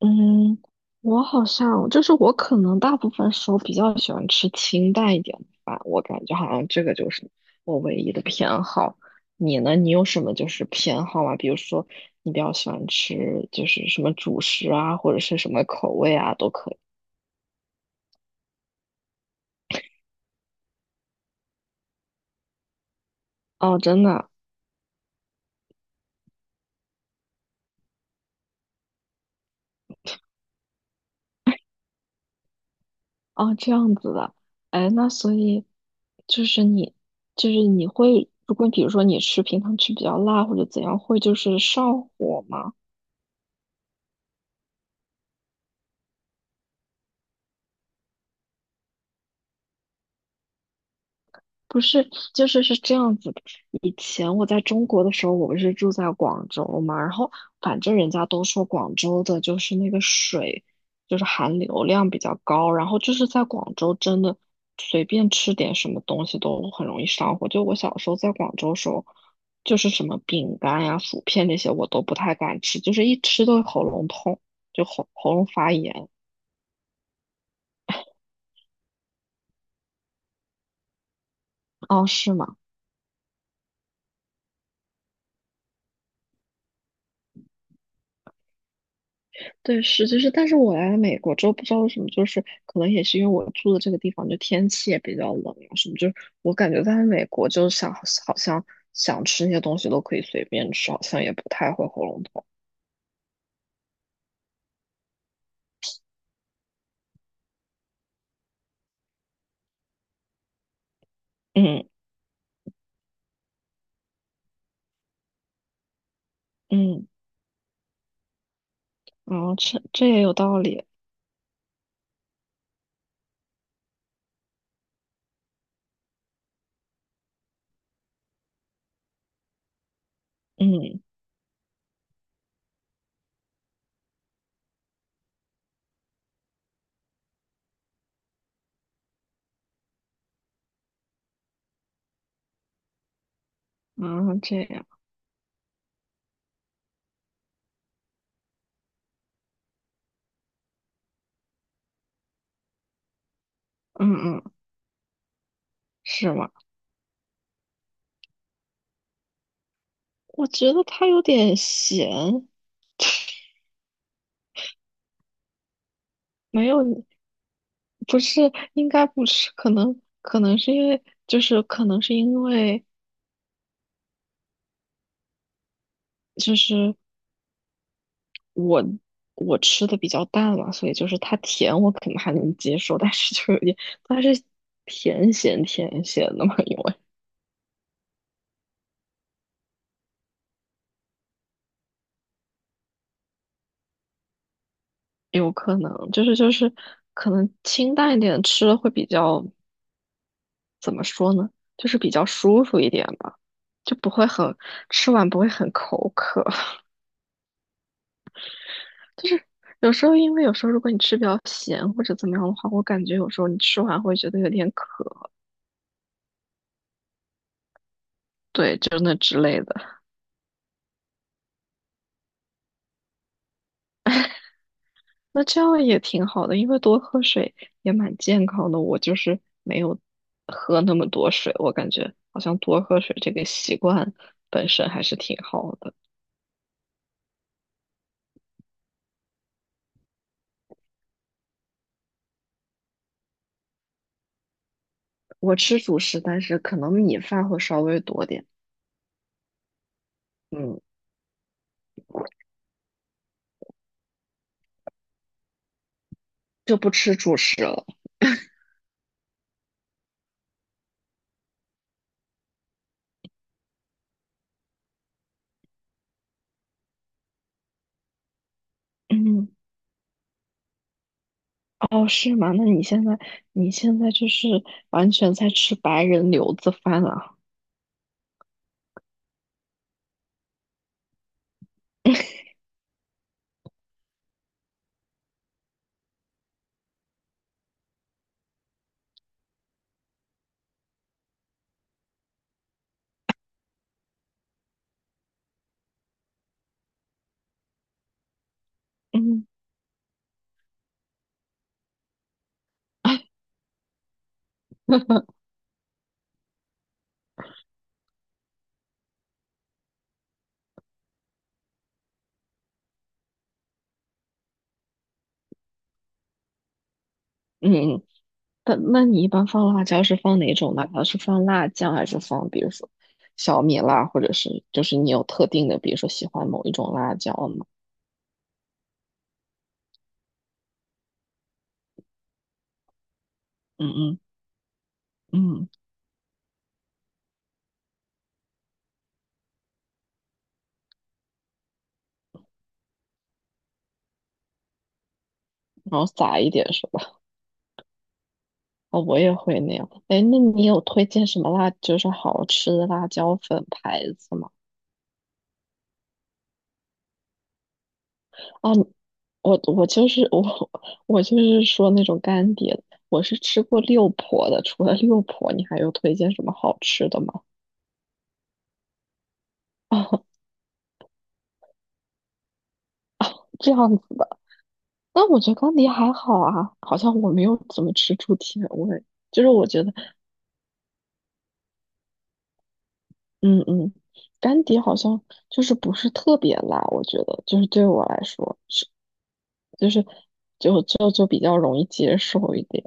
嗯，我好像就是我可能大部分时候比较喜欢吃清淡一点的饭，我感觉好像这个就是我唯一的偏好。你呢？你有什么就是偏好吗？比如说你比较喜欢吃就是什么主食啊，或者是什么口味啊，都可以。哦，真的。哦，这样子的。哎，那所以就是你会，如果比如说你平常吃比较辣或者怎样，会就是上火吗？不是，就是是这样子的。以前我在中国的时候，我不是住在广州嘛，然后反正人家都说广州的就是那个水，就是含硫量比较高，然后就是在广州真的随便吃点什么东西都很容易上火。就我小时候在广州的时候，就是什么饼干呀、薯片那些我都不太敢吃，就是一吃都喉咙痛，就喉咙发炎。哦，是吗？对，是就是，但是我来了美国之后，不知道为什么，就是可能也是因为我住的这个地方，就天气也比较冷啊什么，就是我感觉在美国，就是好像想吃那些东西都可以随便吃，好像也不太会喉咙痛。嗯嗯，然后这也有道理。嗯。啊，这样。嗯嗯，是吗？我觉得它有点咸，没有，不是，应该不是，可能是因为，就是我我吃的比较淡嘛，所以就是它甜我可能还能接受，但是就有点，它是甜咸甜咸的嘛，因为有可能就是可能清淡一点吃了会比较怎么说呢，就是比较舒服一点吧，就不会很吃完不会很口渴，就是有时候如果你吃比较咸或者怎么样的话，我感觉有时候你吃完会觉得有点渴，对，就那之类的。那这样也挺好的，因为多喝水也蛮健康的。我就是没有喝那么多水，我感觉好像多喝水这个习惯本身还是挺好的。我吃主食，但是可能米饭会稍微多点，嗯，就不吃主食了。嗯，哦，是吗？那你现在就是完全在吃白人留子饭啊？嗯。 嗯，那你一般放辣椒是放哪种辣椒？是放辣酱还是放比如说小米辣，或者是就是你有特定的，比如说喜欢某一种辣椒吗？嗯嗯嗯，然后撒一点是吧？哦，我也会那样。哎，那你有推荐什么辣，就是好吃的辣椒粉牌子吗？啊，我就是我就是说那种干碟的，我是吃过六婆的。除了六婆，你还有推荐什么好吃的吗？啊，这样子的。但我觉得干碟还好啊，好像我没有怎么吃出甜味，就是我觉得，嗯嗯，干碟好像就是不是特别辣，我觉得就是对我来说，就是就就就比较容易接受一点。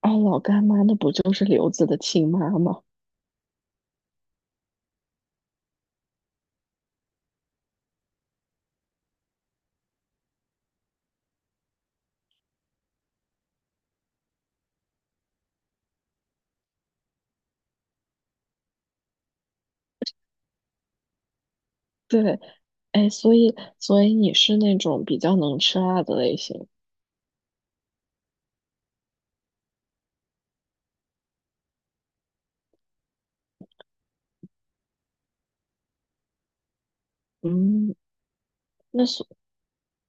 啊，老干妈那不就是刘子的亲妈吗？对，哎，所以你是那种比较能吃辣的类型。嗯，那所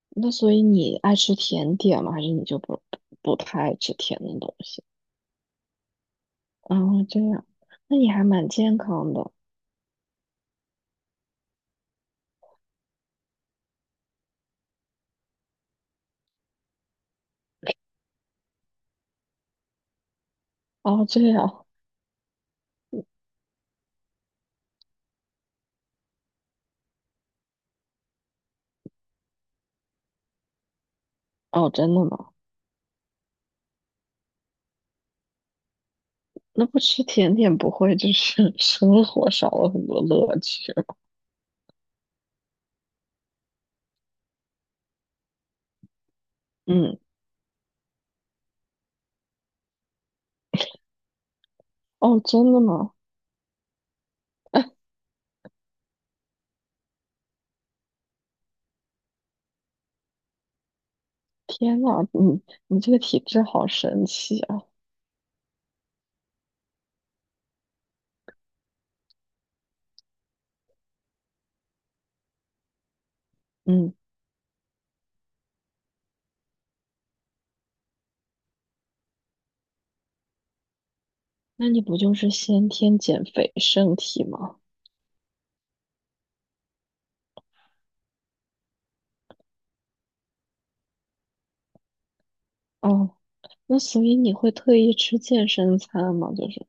那所以你爱吃甜点吗？还是你就不太爱吃甜的东西？哦，这样，那你还蛮健康的。哦，这样。哦，真的吗？那不吃甜点不会就是 生活少了很多乐趣吗？嗯。哦，真的吗？天呐，你这个体质好神奇啊！嗯，那你不就是先天减肥身体吗？哦，那所以你会特意吃健身餐吗？就是，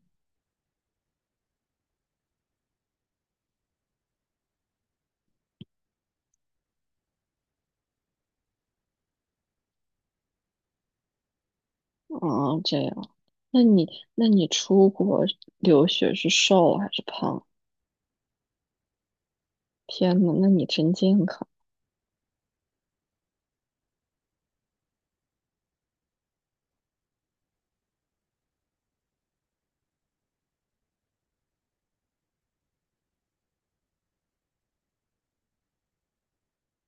哦，这样，那你那你出国留学是瘦还是胖？天呐，那你真健康。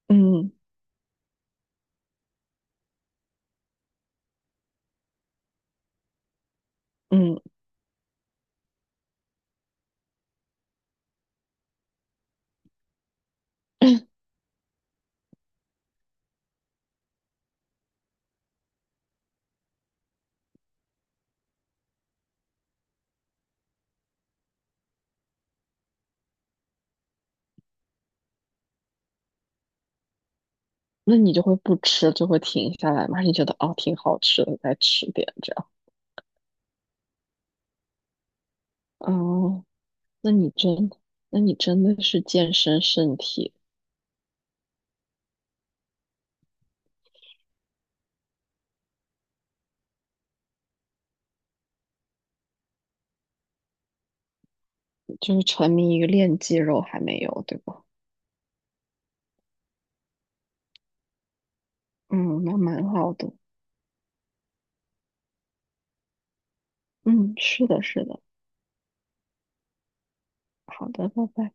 嗯。嗯，那你就会不吃，就会停下来嘛？还是你觉得哦挺好吃的，再吃点这样？哦，那你真，那你真的是健身身体，就是沉迷于练肌肉还没有，对吧？嗯，那蛮好的。嗯，是的，是的。好的，拜拜。